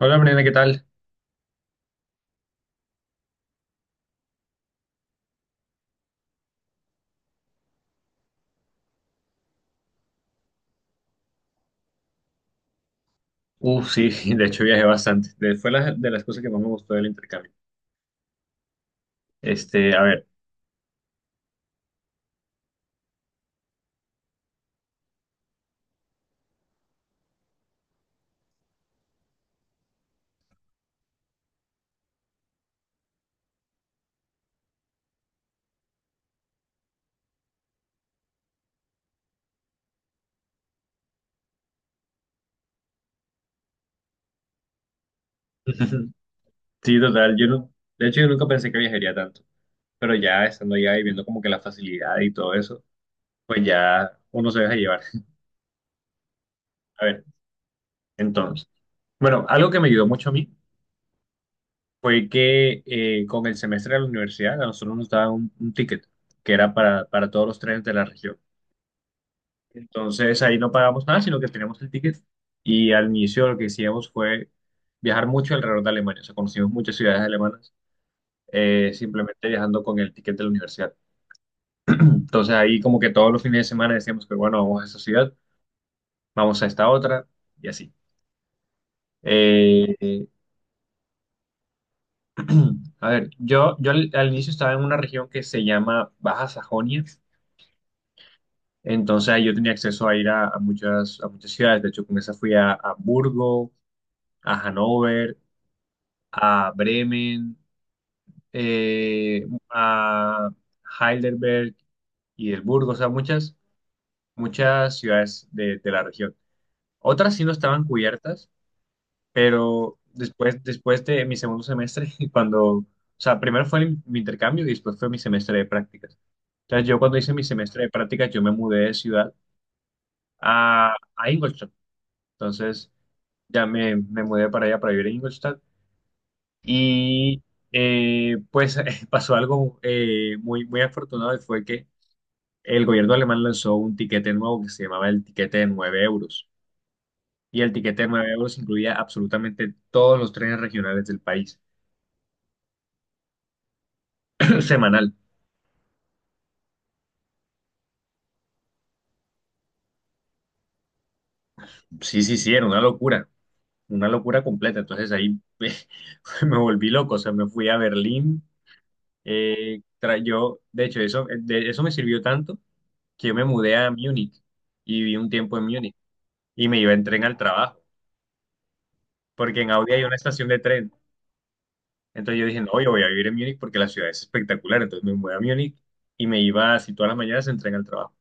Hola, Mariana, ¿qué tal? Uf, sí, de hecho viajé bastante. De las cosas que más me gustó del intercambio. Este, a ver. Sí, total, yo no, de hecho yo nunca pensé que viajaría tanto, pero ya estando allá y viendo como que la facilidad y todo eso, pues ya uno se deja llevar. A ver, entonces, bueno, algo que me ayudó mucho a mí fue que con el semestre de la universidad a nosotros nos daban un ticket que era para todos los trenes de la región. Entonces ahí no pagamos nada, sino que teníamos el ticket y al inicio lo que hicimos fue viajar mucho alrededor de Alemania, o sea, conocimos muchas ciudades alemanas simplemente viajando con el ticket de la universidad. Entonces ahí como que todos los fines de semana decíamos que bueno, vamos a esta ciudad, vamos a esta otra y así. Eh, eh, a ver, yo al inicio estaba en una región que se llama Baja Sajonia, entonces ahí yo tenía acceso a ir a muchas ciudades, de hecho con esa fui a Hamburgo, a Hannover, a Bremen, a Heidelberg y el Burgo, o sea, muchas, muchas ciudades de la región. Otras sí no estaban cubiertas, pero después, después de mi segundo semestre, cuando, o sea, primero fue mi intercambio y después fue mi semestre de prácticas. Entonces yo cuando hice mi semestre de prácticas, yo me mudé de ciudad a Ingolstadt. Entonces ya me mudé para allá, para vivir en Ingolstadt. Y pues pasó algo muy, muy afortunado y fue que el gobierno alemán lanzó un tiquete nuevo que se llamaba el tiquete de 9 euros. Y el tiquete de 9 euros incluía absolutamente todos los trenes regionales del país. Semanal. Sí, sí, sí, era una locura completa. Entonces ahí me volví loco, o sea, me fui a Berlín. Tra- yo, de hecho, eso, de- Eso me sirvió tanto que yo me mudé a Múnich y viví un tiempo en Múnich y me iba en tren al trabajo, porque en Audi hay una estación de tren. Entonces yo dije, no, yo voy a vivir en Múnich porque la ciudad es espectacular. Entonces me voy a Múnich y me iba así todas las mañanas en tren al trabajo.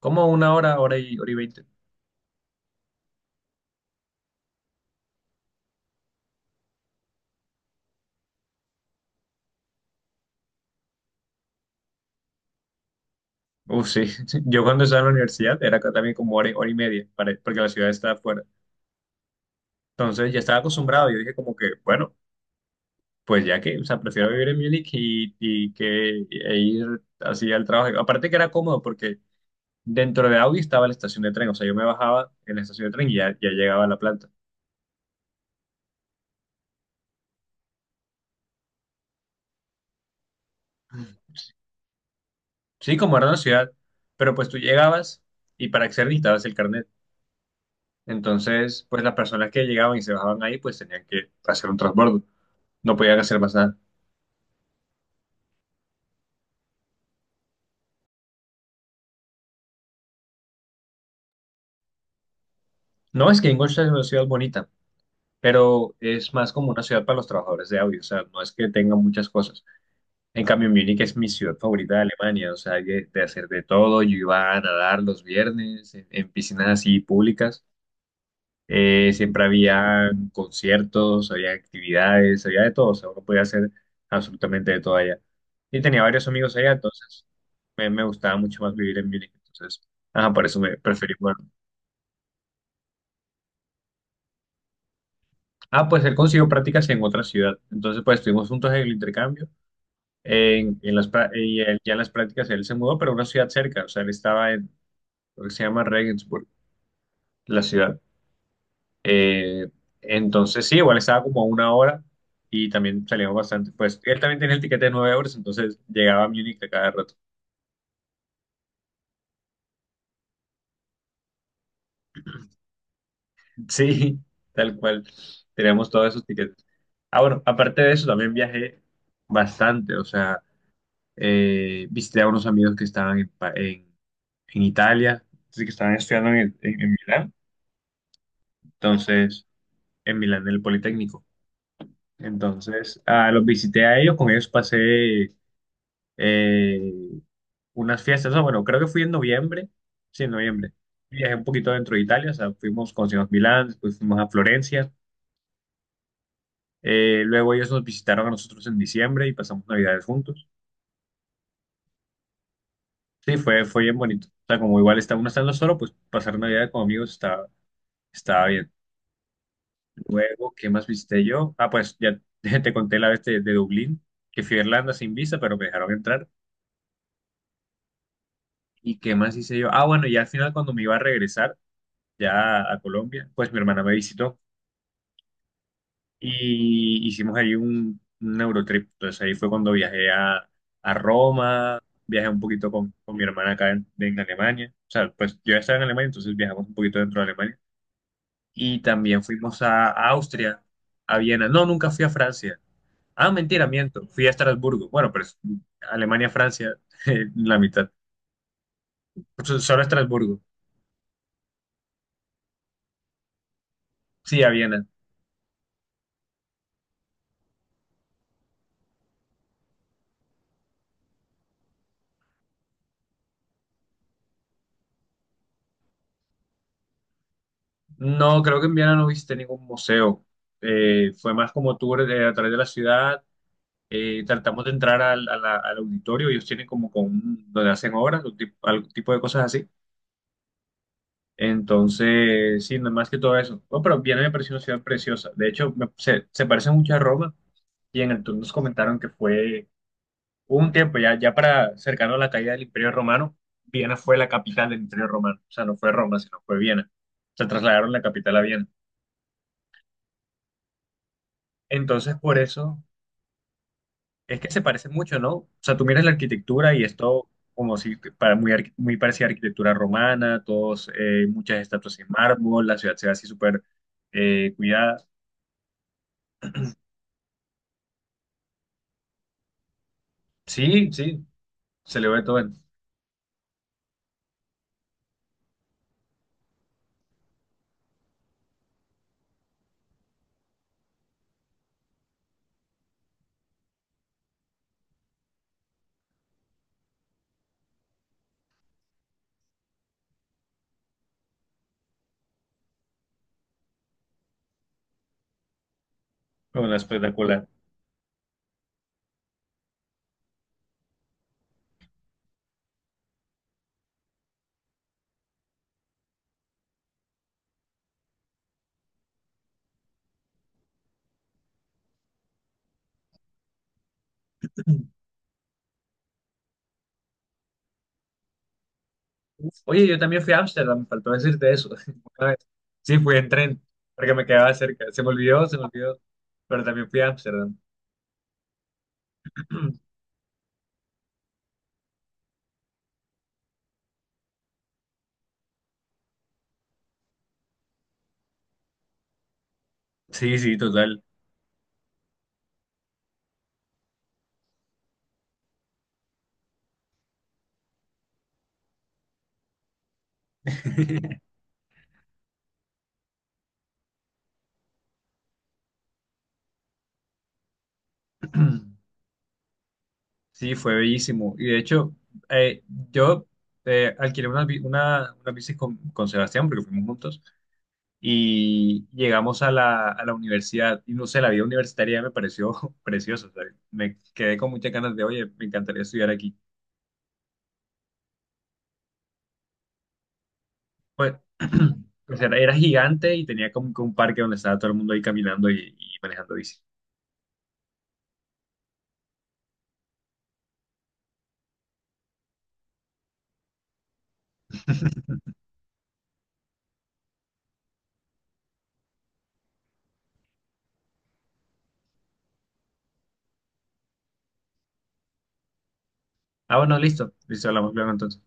Como una hora, hora y 20. Uf, sí. Yo cuando estaba en la universidad era acá también como hora y media, porque la ciudad estaba afuera. Entonces ya estaba acostumbrado. Yo dije como que, bueno, pues ya que, o sea, prefiero vivir en Múnich y que e ir así al trabajo. Aparte que era cómodo porque dentro de Audi estaba la estación de tren. O sea, yo me bajaba en la estación de tren y ya, ya llegaba a la planta. Sí, como era una ciudad, pero pues tú llegabas y para acceder necesitabas el carnet. Entonces, pues las personas que llegaban y se bajaban ahí, pues tenían que hacer un transbordo. No podían hacer más nada. No es que Ingolstadt es una ciudad bonita, pero es más como una ciudad para los trabajadores de audio. O sea, no es que tenga muchas cosas. En cambio, Múnich es mi ciudad favorita de Alemania. O sea, hay de hacer de todo. Yo iba a nadar los viernes en piscinas así públicas. Siempre había conciertos, había actividades, había de todo, o sea, uno podía hacer absolutamente de todo allá. Y tenía varios amigos allá, entonces me gustaba mucho más vivir en Múnich, entonces, ajá, por eso me preferí mudarme. Ah, pues él consiguió prácticas en otra ciudad, entonces pues estuvimos juntos en el intercambio, en las, prá- y él- ya en las prácticas él se mudó, pero a una ciudad cerca, o sea, él estaba en lo que se llama Regensburg, la ciudad. Eh, entonces, sí, igual estaba como a una hora y también salíamos bastante. Pues él también tenía el tiquete de 9 euros, entonces llegaba a Múnich a cada rato. Sí, tal cual. Teníamos todos esos tiquetes. Ah, bueno, aparte de eso, también viajé bastante. O sea, visité a unos amigos que estaban en Italia, sí, que estaban estudiando en Milán. Entonces, en Milán, en el Politécnico. Entonces, ah, los visité a ellos, con ellos pasé eh, unas fiestas. No, bueno, creo que fui en noviembre. Sí, en noviembre. Viajé un poquito dentro de Italia, o sea, fuimos, conocimos Milán, después fuimos a Florencia. Luego ellos nos visitaron a nosotros en diciembre y pasamos Navidades juntos. Sí, fue, fue bien bonito. O sea, como igual está, uno estando solo, pues pasar Navidad con amigos estaba, estaba bien. Luego, ¿qué más visité yo? Ah, pues ya te conté la vez de Dublín, que fui a Irlanda sin visa, pero me dejaron entrar. ¿Y qué más hice yo? Ah, bueno, ya al final cuando me iba a regresar ya a Colombia, pues mi hermana me visitó. Y hicimos ahí un Eurotrip. Entonces ahí fue cuando viajé a Roma, viajé un poquito con mi hermana acá en Alemania. O sea, pues yo ya estaba en Alemania, entonces viajamos un poquito dentro de Alemania. Y también fuimos a Austria, a Viena. No, nunca fui a Francia. Ah, mentira, miento. Fui a Estrasburgo. Bueno, pero es Alemania, Francia, la mitad. Solo a Estrasburgo. Sí, a Viena. No, creo que en Viena no visité ningún museo. Fue más como tour a través de la ciudad, tratamos de entrar al, al auditorio, ellos tienen como con donde hacen obras, algún tipo de cosas así. Entonces, sí, no más que todo eso. Bueno, pero Viena me pareció una ciudad preciosa. De hecho, se, se parece mucho a Roma y en el tour nos comentaron que fue hubo un tiempo ya, ya para cercano a la caída del Imperio Romano, Viena fue la capital del Imperio Romano. O sea, no fue Roma, sino fue Viena. Se trasladaron la capital a Viena. Entonces, por eso es que se parece mucho, ¿no? O sea, tú miras la arquitectura y es todo como si para muy, muy parecida a arquitectura romana, todos, muchas estatuas en mármol, la ciudad se ve así súper cuidada. Sí, sí, se le ve todo en la espectacular. Uf. Oye, yo también fui a Ámsterdam, me faltó decirte eso. Una vez. Sí, fui en tren, porque me quedaba cerca. Se me olvidó, pero también fui a Ámsterdam. Sí, sí, total. Sí, fue bellísimo. Y de hecho, eh, yo alquilé una bici con Sebastián, porque fuimos juntos, y llegamos a la universidad. Y no sé, la vida universitaria me pareció preciosa. O Me quedé con muchas ganas de, oye, me encantaría estudiar aquí. Pues, o sea, era gigante y tenía como que un parque donde estaba todo el mundo ahí caminando y manejando bici. Ah, bueno, listo. Listo, hablamos luego entonces.